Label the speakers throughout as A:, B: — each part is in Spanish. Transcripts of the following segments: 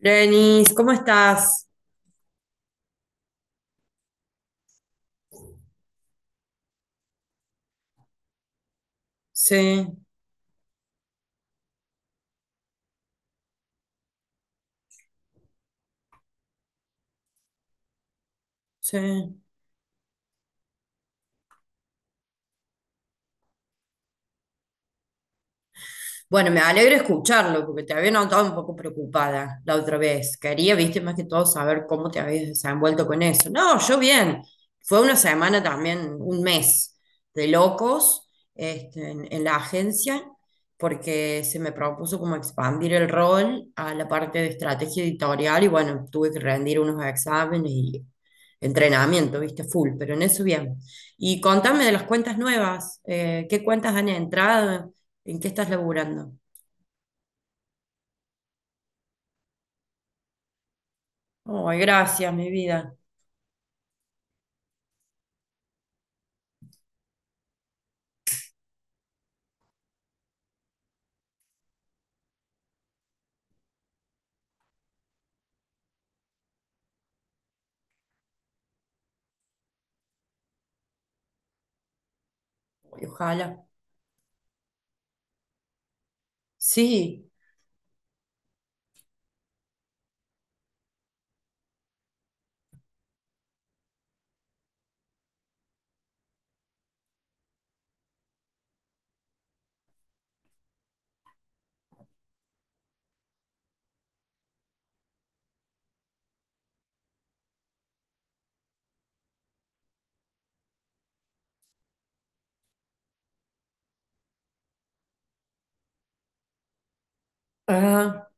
A: Lenis, ¿cómo estás? Sí, sí. Bueno, me alegro escucharlo, porque te había notado un poco preocupada la otra vez. Quería, viste, más que todo saber cómo te habías desenvuelto con eso. No, yo bien. Fue una semana también, un mes de locos en la agencia, porque se me propuso como expandir el rol a la parte de estrategia editorial y bueno, tuve que rendir unos exámenes y entrenamiento, viste, full, pero en eso bien. Y contame de las cuentas nuevas, ¿qué cuentas han entrado? ¿En qué estás laburando? Ay, gracias, mi vida. Ay, ojalá. Sí. Ah,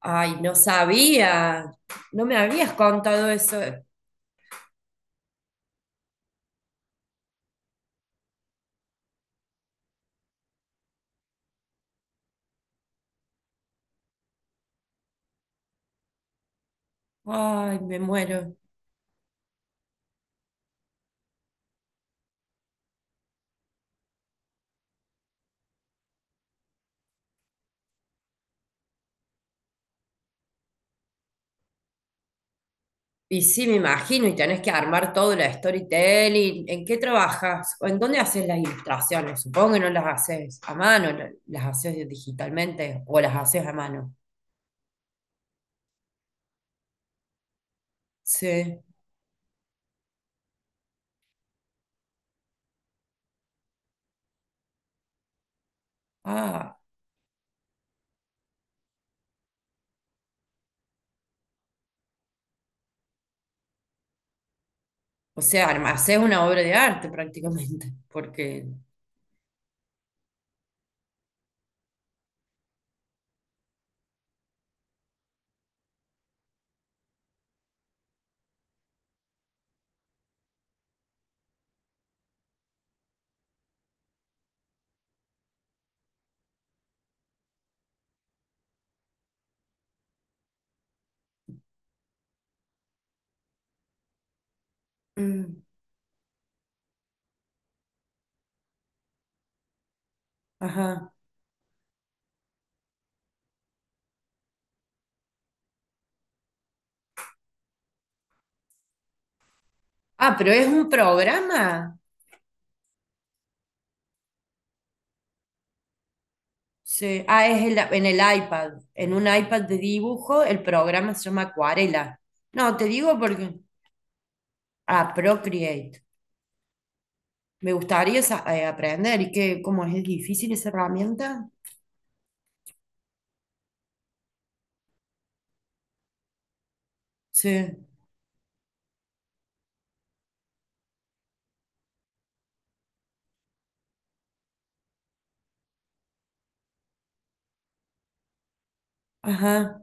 A: ay, no sabía. No me habías contado eso. Ay, me muero. Y sí, me imagino, y tenés que armar todo el storytelling. ¿En qué trabajas? ¿O En dónde haces las ilustraciones? Supongo que no las haces a mano, las haces digitalmente o las haces a mano. Sí. Ah, o sea, haces una obra de arte prácticamente, porque... Mm, ajá. Ah, pero es un programa. Sí. Ah, en el iPad. En un iPad de dibujo, el programa se llama Acuarela. No, te digo porque. Ah, Procreate. Me gustaría aprender. ¿Y que ¿cómo es? ¿Es difícil esa herramienta? Sí. Ajá.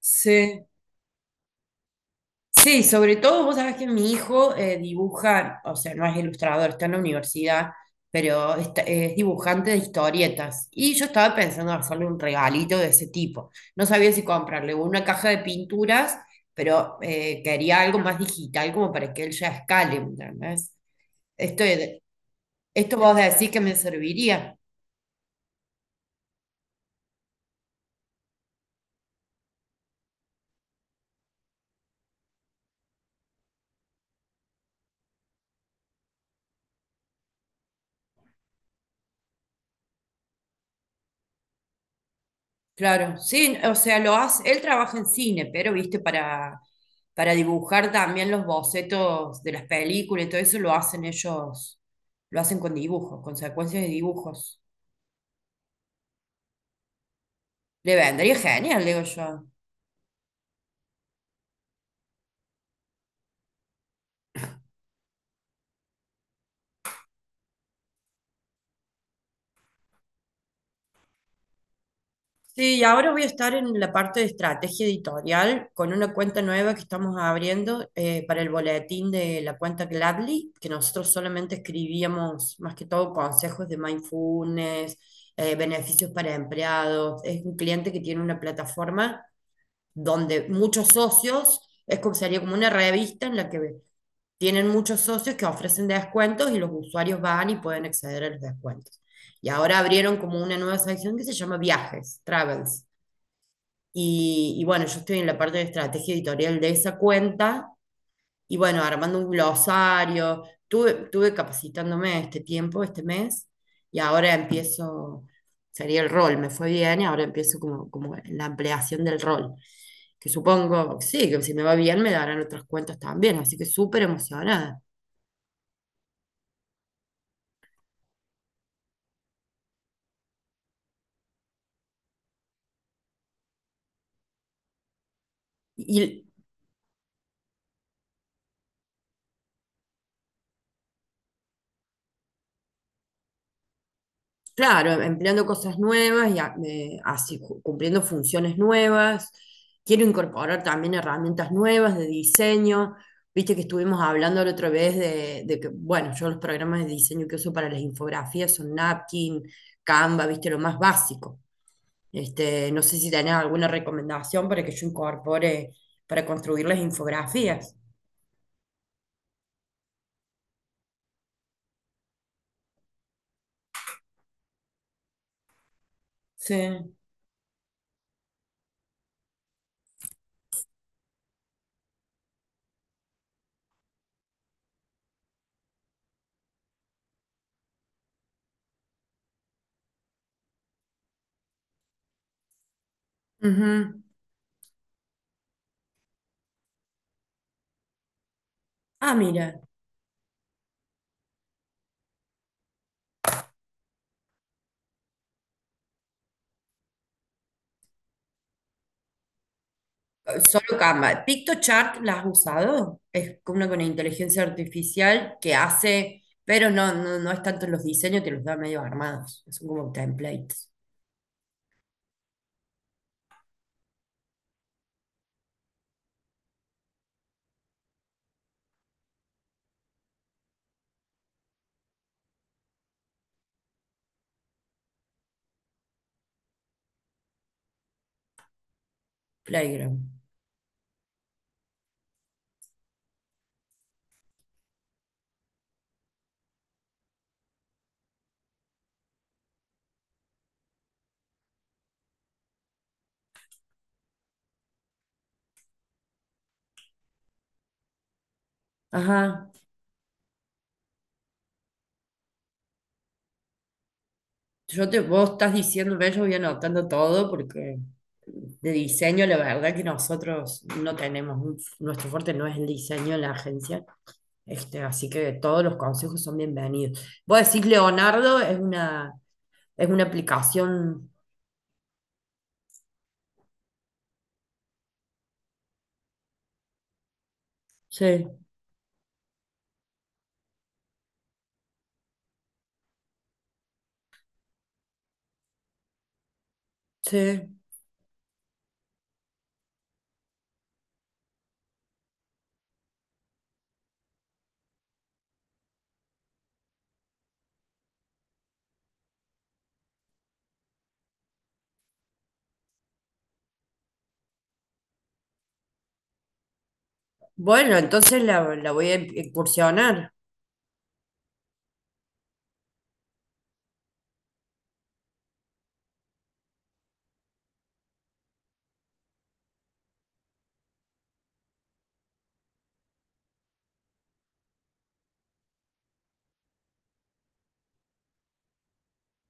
A: Sí. Sí, sobre todo vos sabés que mi hijo dibuja, o sea, no es ilustrador, está en la universidad, pero es dibujante de historietas. Y yo estaba pensando en hacerle un regalito de ese tipo. No sabía si comprarle una caja de pinturas, pero quería algo más digital como para que él ya escale, ¿me ¿entendés? Esto, esto vos decís que me serviría. Claro, sí, o sea, lo hace, él trabaja en cine, pero viste, para dibujar también los bocetos de las películas y todo eso lo hacen ellos, lo hacen con dibujos, con secuencias de dibujos. Le vendría genial, digo yo. Sí, y ahora voy a estar en la parte de estrategia editorial con una cuenta nueva que estamos abriendo para el boletín de la cuenta Gladly, que nosotros solamente escribíamos más que todo consejos de mindfulness, beneficios para empleados. Es un cliente que tiene una plataforma donde muchos socios, es como sería como una revista en la que tienen muchos socios que ofrecen descuentos y los usuarios van y pueden acceder a los descuentos. Y ahora abrieron como una nueva sección que se llama Viajes, Travels. Y bueno, yo estoy en la parte de estrategia editorial de esa cuenta y bueno, armando un glosario. Tuve capacitándome este tiempo, este mes, y ahora empiezo, sería el rol, me fue bien y ahora empiezo como, como la ampliación del rol. Que supongo, sí, que si me va bien me darán otras cuentas también, así que súper emocionada. Y claro, empleando cosas nuevas y así cumpliendo funciones nuevas. Quiero incorporar también herramientas nuevas de diseño. Viste que estuvimos hablando la otra vez de que, bueno, yo los programas de diseño que uso para las infografías son Napkin, Canva, viste, lo más básico. No sé si tenés alguna recomendación para que yo incorpore para construir las infografías. Sí. Ujú. Ah, mira. Solo Canva. PictoChart, ¿la has usado? Es como una con inteligencia artificial que hace, pero no, no, no es tanto en los diseños, te los da medio armados. Son como templates, playground. Ajá. Yo te, vos estás diciendo, ve, yo voy anotando todo porque de diseño, la verdad que nosotros no tenemos, nuestro fuerte no es el diseño en la agencia. Así que todos los consejos son bienvenidos. Vos decís, Leonardo, es una aplicación. Sí, sí. Bueno, entonces la voy a incursionar.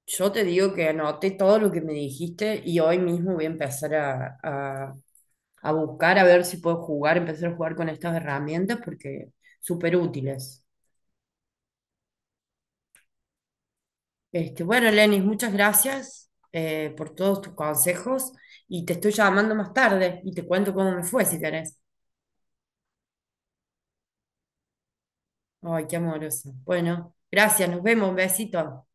A: Yo te digo que anoté todo lo que me dijiste y hoy mismo voy a empezar a buscar a ver si puedo jugar, empezar a jugar con estas herramientas porque súper útiles. Bueno, Lenis, muchas gracias por todos tus consejos y te estoy llamando más tarde y te cuento cómo me fue si querés. Ay, qué amorosa. Bueno, gracias, nos vemos, un besito.